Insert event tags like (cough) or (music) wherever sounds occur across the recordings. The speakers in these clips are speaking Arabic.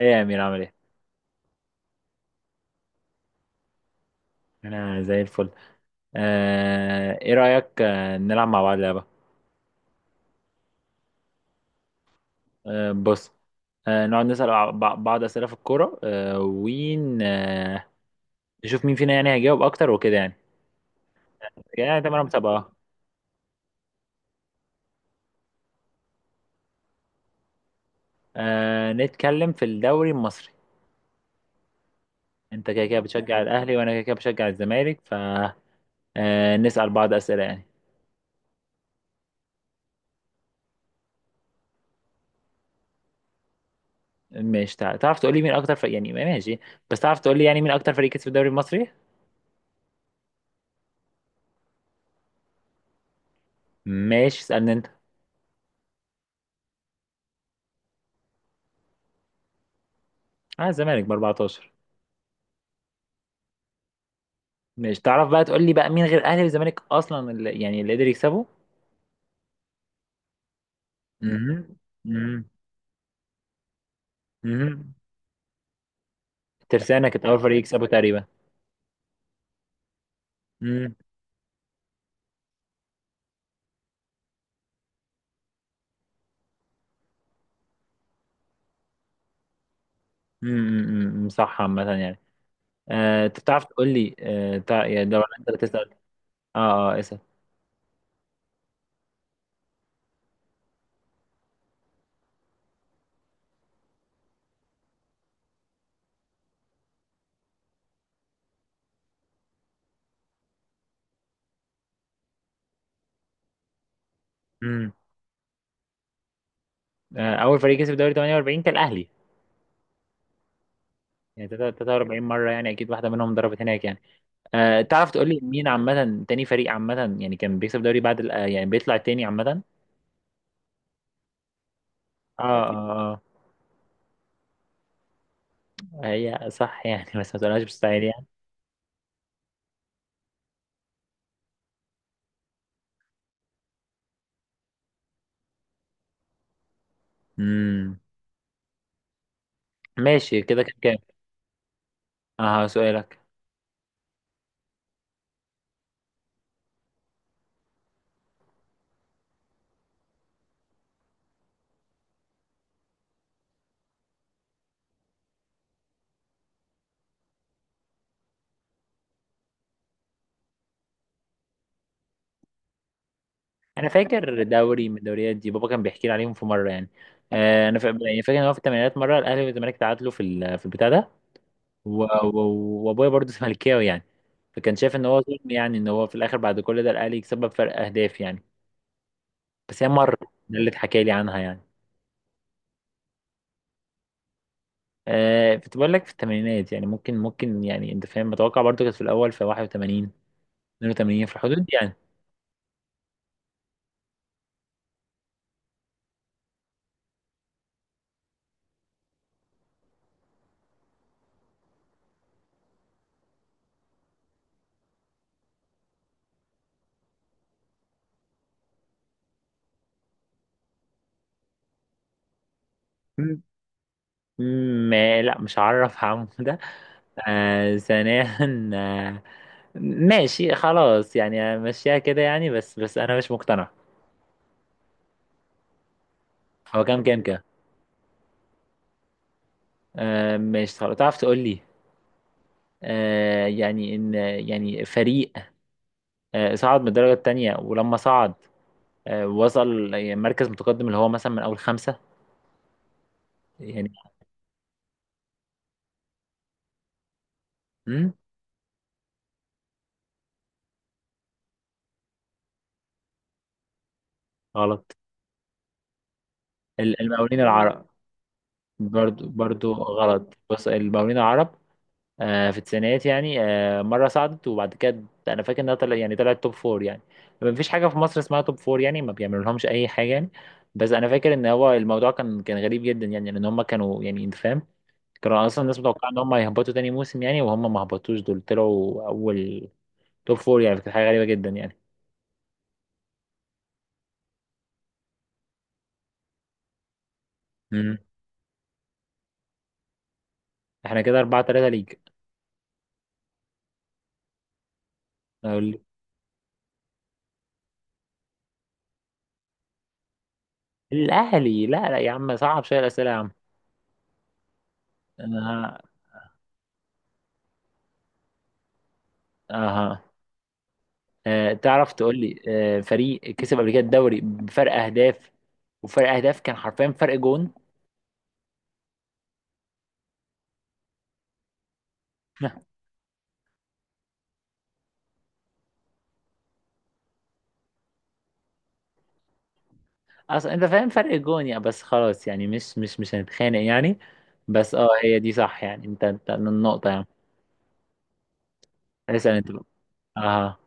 ايه يا امير، عامل ايه؟ انا زي الفل. ايه رايك، نلعب مع بعض لعبه؟ بص. نقعد نسال بعض اسئله في الكوره، آه ون آه نشوف مين فينا يعني هيجاوب اكتر وكده يعني. يعني تمام، مسابقه. نتكلم في الدوري المصري. انت كده كده بتشجع الاهلي وانا كده كده بشجع الزمالك. نسال بعض اسئله يعني. مش تعرف تقول لي مين اكتر فريق يعني؟ ماشي، بس تعرف تقول لي يعني مين اكتر فريق كسب الدوري المصري؟ ماشي، اسالني انت. اه، الزمالك ب 14. مش تعرف بقى تقول لي بقى مين غير اهلي والزمالك اصلا اللي يعني اللي قدر يكسبه؟ امم. امم. امم. ترسانة كانت اول فريق يكسبه تقريبا. امم صح عامة يعني. انت بتعرف تقول لي، يعني ده ولا انت اللي تسأل؟ اه، اه، اسأل. امم. اول فريق كسب دوري 48 كان الاهلي. يعني 43 مرة، يعني اكيد واحدة منهم ضربت هناك يعني. تعرف تقول لي مين عامة تاني فريق عامة يعني كان بيكسب دوري بعد يعني بيطلع تاني عامة؟ اه، اه. اه، هي صح يعني بس ما تقولهاش بالستايل. امم. ماشي، كده كان كام؟ اه، سؤالك. انا فاكر دوري من الدوريات دي، بابا كان بيحكي لي عليهم في مره يعني. انا يعني فاكر ان هو في الثمانينات مره الاهلي والزمالك تعادلوا في في البتاع ده، وابويا برضه (laughs) زملكاوي يعني، فكان شايف ان هو ظلم يعني، ان هو في الاخر بعد كل ده الاهلي يكسب بفرق اهداف يعني. بس هي مره، ده اللي اتحكى لي عنها يعني. كنت بقول لك في الثمانينات، يعني ممكن يعني انت فاهم متوقع، برضه كانت في الاول، في 81 82 في الحدود دي يعني. مم. ما، لا، مش هعرف عم (laughs) ثانيا. آه ماشي خلاص يعني مشيها كده يعني، بس انا مش مقتنع. هو كام؟ ماشي خلاص، تعرف تقول لي يعني ان، يعني فريق، صعد من الدرجة التانية، ولما صعد وصل يعني مركز متقدم اللي هو مثلا من اول خمسة، يعني. مم؟ غلط. المقاولين العرب. برضو غلط، بص، المقاولين العرب. في التسعينات يعني، مرة صعدت وبعد كده أنا فاكر إنها يعني طلعت توب فور يعني. ما فيش حاجة في مصر اسمها توب فور يعني، ما بيعملوا لهمش أي حاجة يعني. بس أنا فاكر إن هو الموضوع كان غريب جدا يعني، لأن هم كانوا يعني أنت فاهم، كانوا أصلا الناس متوقعة إن هم هيهبطوا تاني موسم يعني، وهم ما هبطوش، دول طلعوا أول توب فور يعني، كانت حاجة غريبة جدا يعني. مم. إحنا كده أربعة تلاتة، ليج. أقول- الأهلي، لا لا يا عم، صعب شوية الأسئلة يا عم. أنا- أها. تعرف تقول لي، فريق كسب قبل كده الدوري بفرق اهداف، وفرق اهداف كان حرفيا فرق جون. (laughs) اصلا انت فاهم فرق جون يعني، بس خلاص يعني مش هنتخانق يعني. بس اه، هي دي صح يعني، انت النقطة يعني. اسأل انت بقى. اه،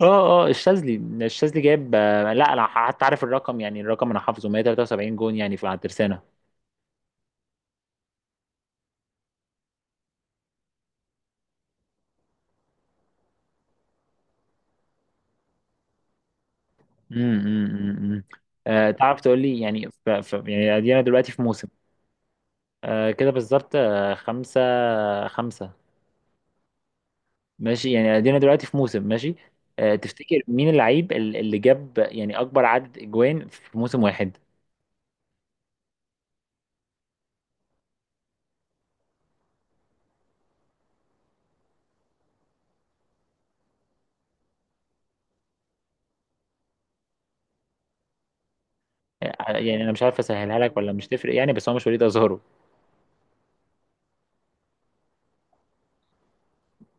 اه، اه، الشاذلي. الشاذلي جايب، لا، انا حتى عارف الرقم يعني، الرقم انا حافظه 173 جون يعني في على الترسانة. امم. امم. امم. تعرف تقول لي يعني يعني ادينا دلوقتي في موسم. كده بالظبط، خمسة، خمسة. ماشي يعني، ادينا دلوقتي في موسم، ماشي. تفتكر مين اللعيب اللي جاب يعني اكبر عدد اجوان في موسم واحد؟ يعني انا مش عارف اسهلها لك ولا مش تفرق يعني، بس هو مش وليد ازهرو.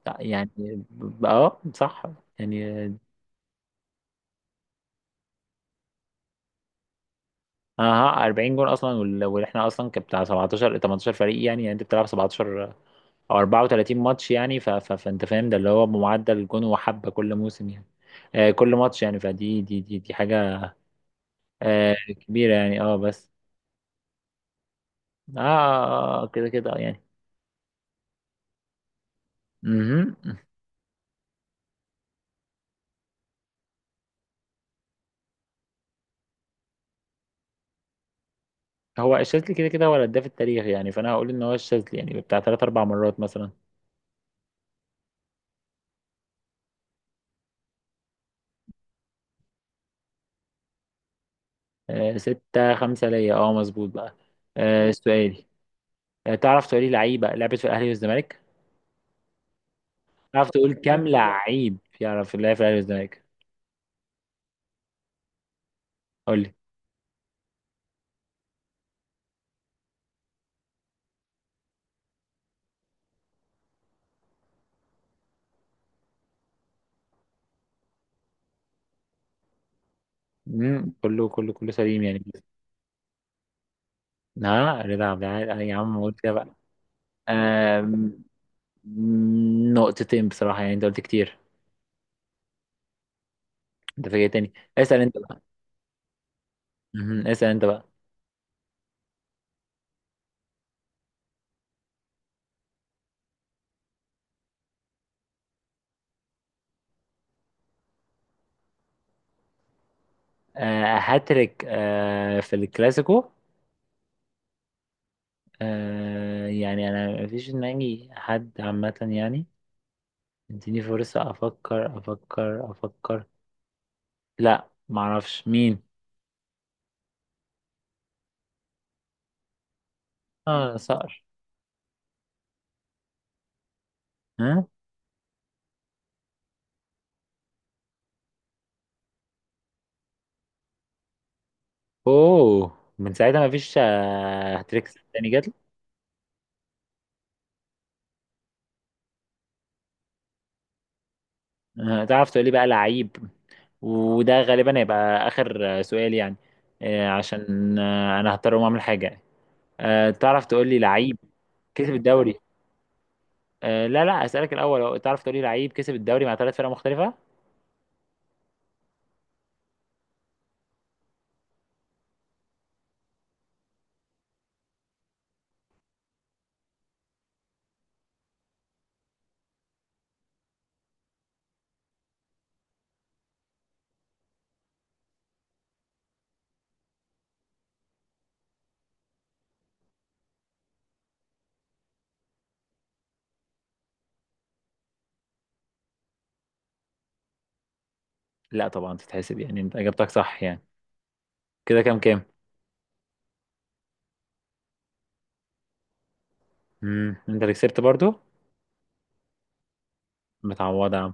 لا، يعني اه صح، يعني. اه، 40 جون اصلا واحنا اصلا كان بتاع 17 18 فريق يعني، يعني انت بتلعب 17 او 34 ماتش يعني، ف ف فانت فاهم ده اللي هو بمعدل جون وحبه كل موسم يعني. كل ماتش يعني، فدي دي دي دي حاجه آه كبيره يعني اه، بس اه، كده كده يعني. مهم. هو الشاذلي كده كده هو الهداف التاريخي يعني، فانا هقول ان هو الشاذلي يعني بتاع ثلاث اربع مرات مثلا. ستة خمسة ليا، اه مظبوط بقى. سؤالي. تعرف تقولي لعيبة لعبت في الاهلي والزمالك؟ تعرف تقول كام لعيب يعرف يلعب في الاهلي والزمالك؟ قول لي. مم، كله كله كله سليم يعني. ها، رضا عبد العال، يا عم قول كده بقى. آم، مم، نقطتين بصراحة يعني، انت قلت كتير، انت فاجئتني، اسأل انت بقى. مهم. اسأل انت بقى. هاتريك في الكلاسيكو. يعني انا مفيش في دماغي حد عامة يعني، اديني فرصة افكر افكر افكر. لا، معرفش مين. اه، صقر. ها. اوه، من ساعتها مفيش تريكس تاني جات. تعرف تقولي بقى لعيب، وده غالبا هيبقى اخر سؤال يعني، عشان انا هضطر اقوم اعمل حاجة. تعرف تقولي لعيب كسب الدوري. لا لا، اسألك الاول، تعرف تقولي لعيب كسب الدوري مع ثلاث فرق مختلفة؟ لا طبعا تتحسب يعني، انت اجابتك صح يعني. كده كام كام؟ امم، انت اللي كسبت برضو. متعوضة يا عم.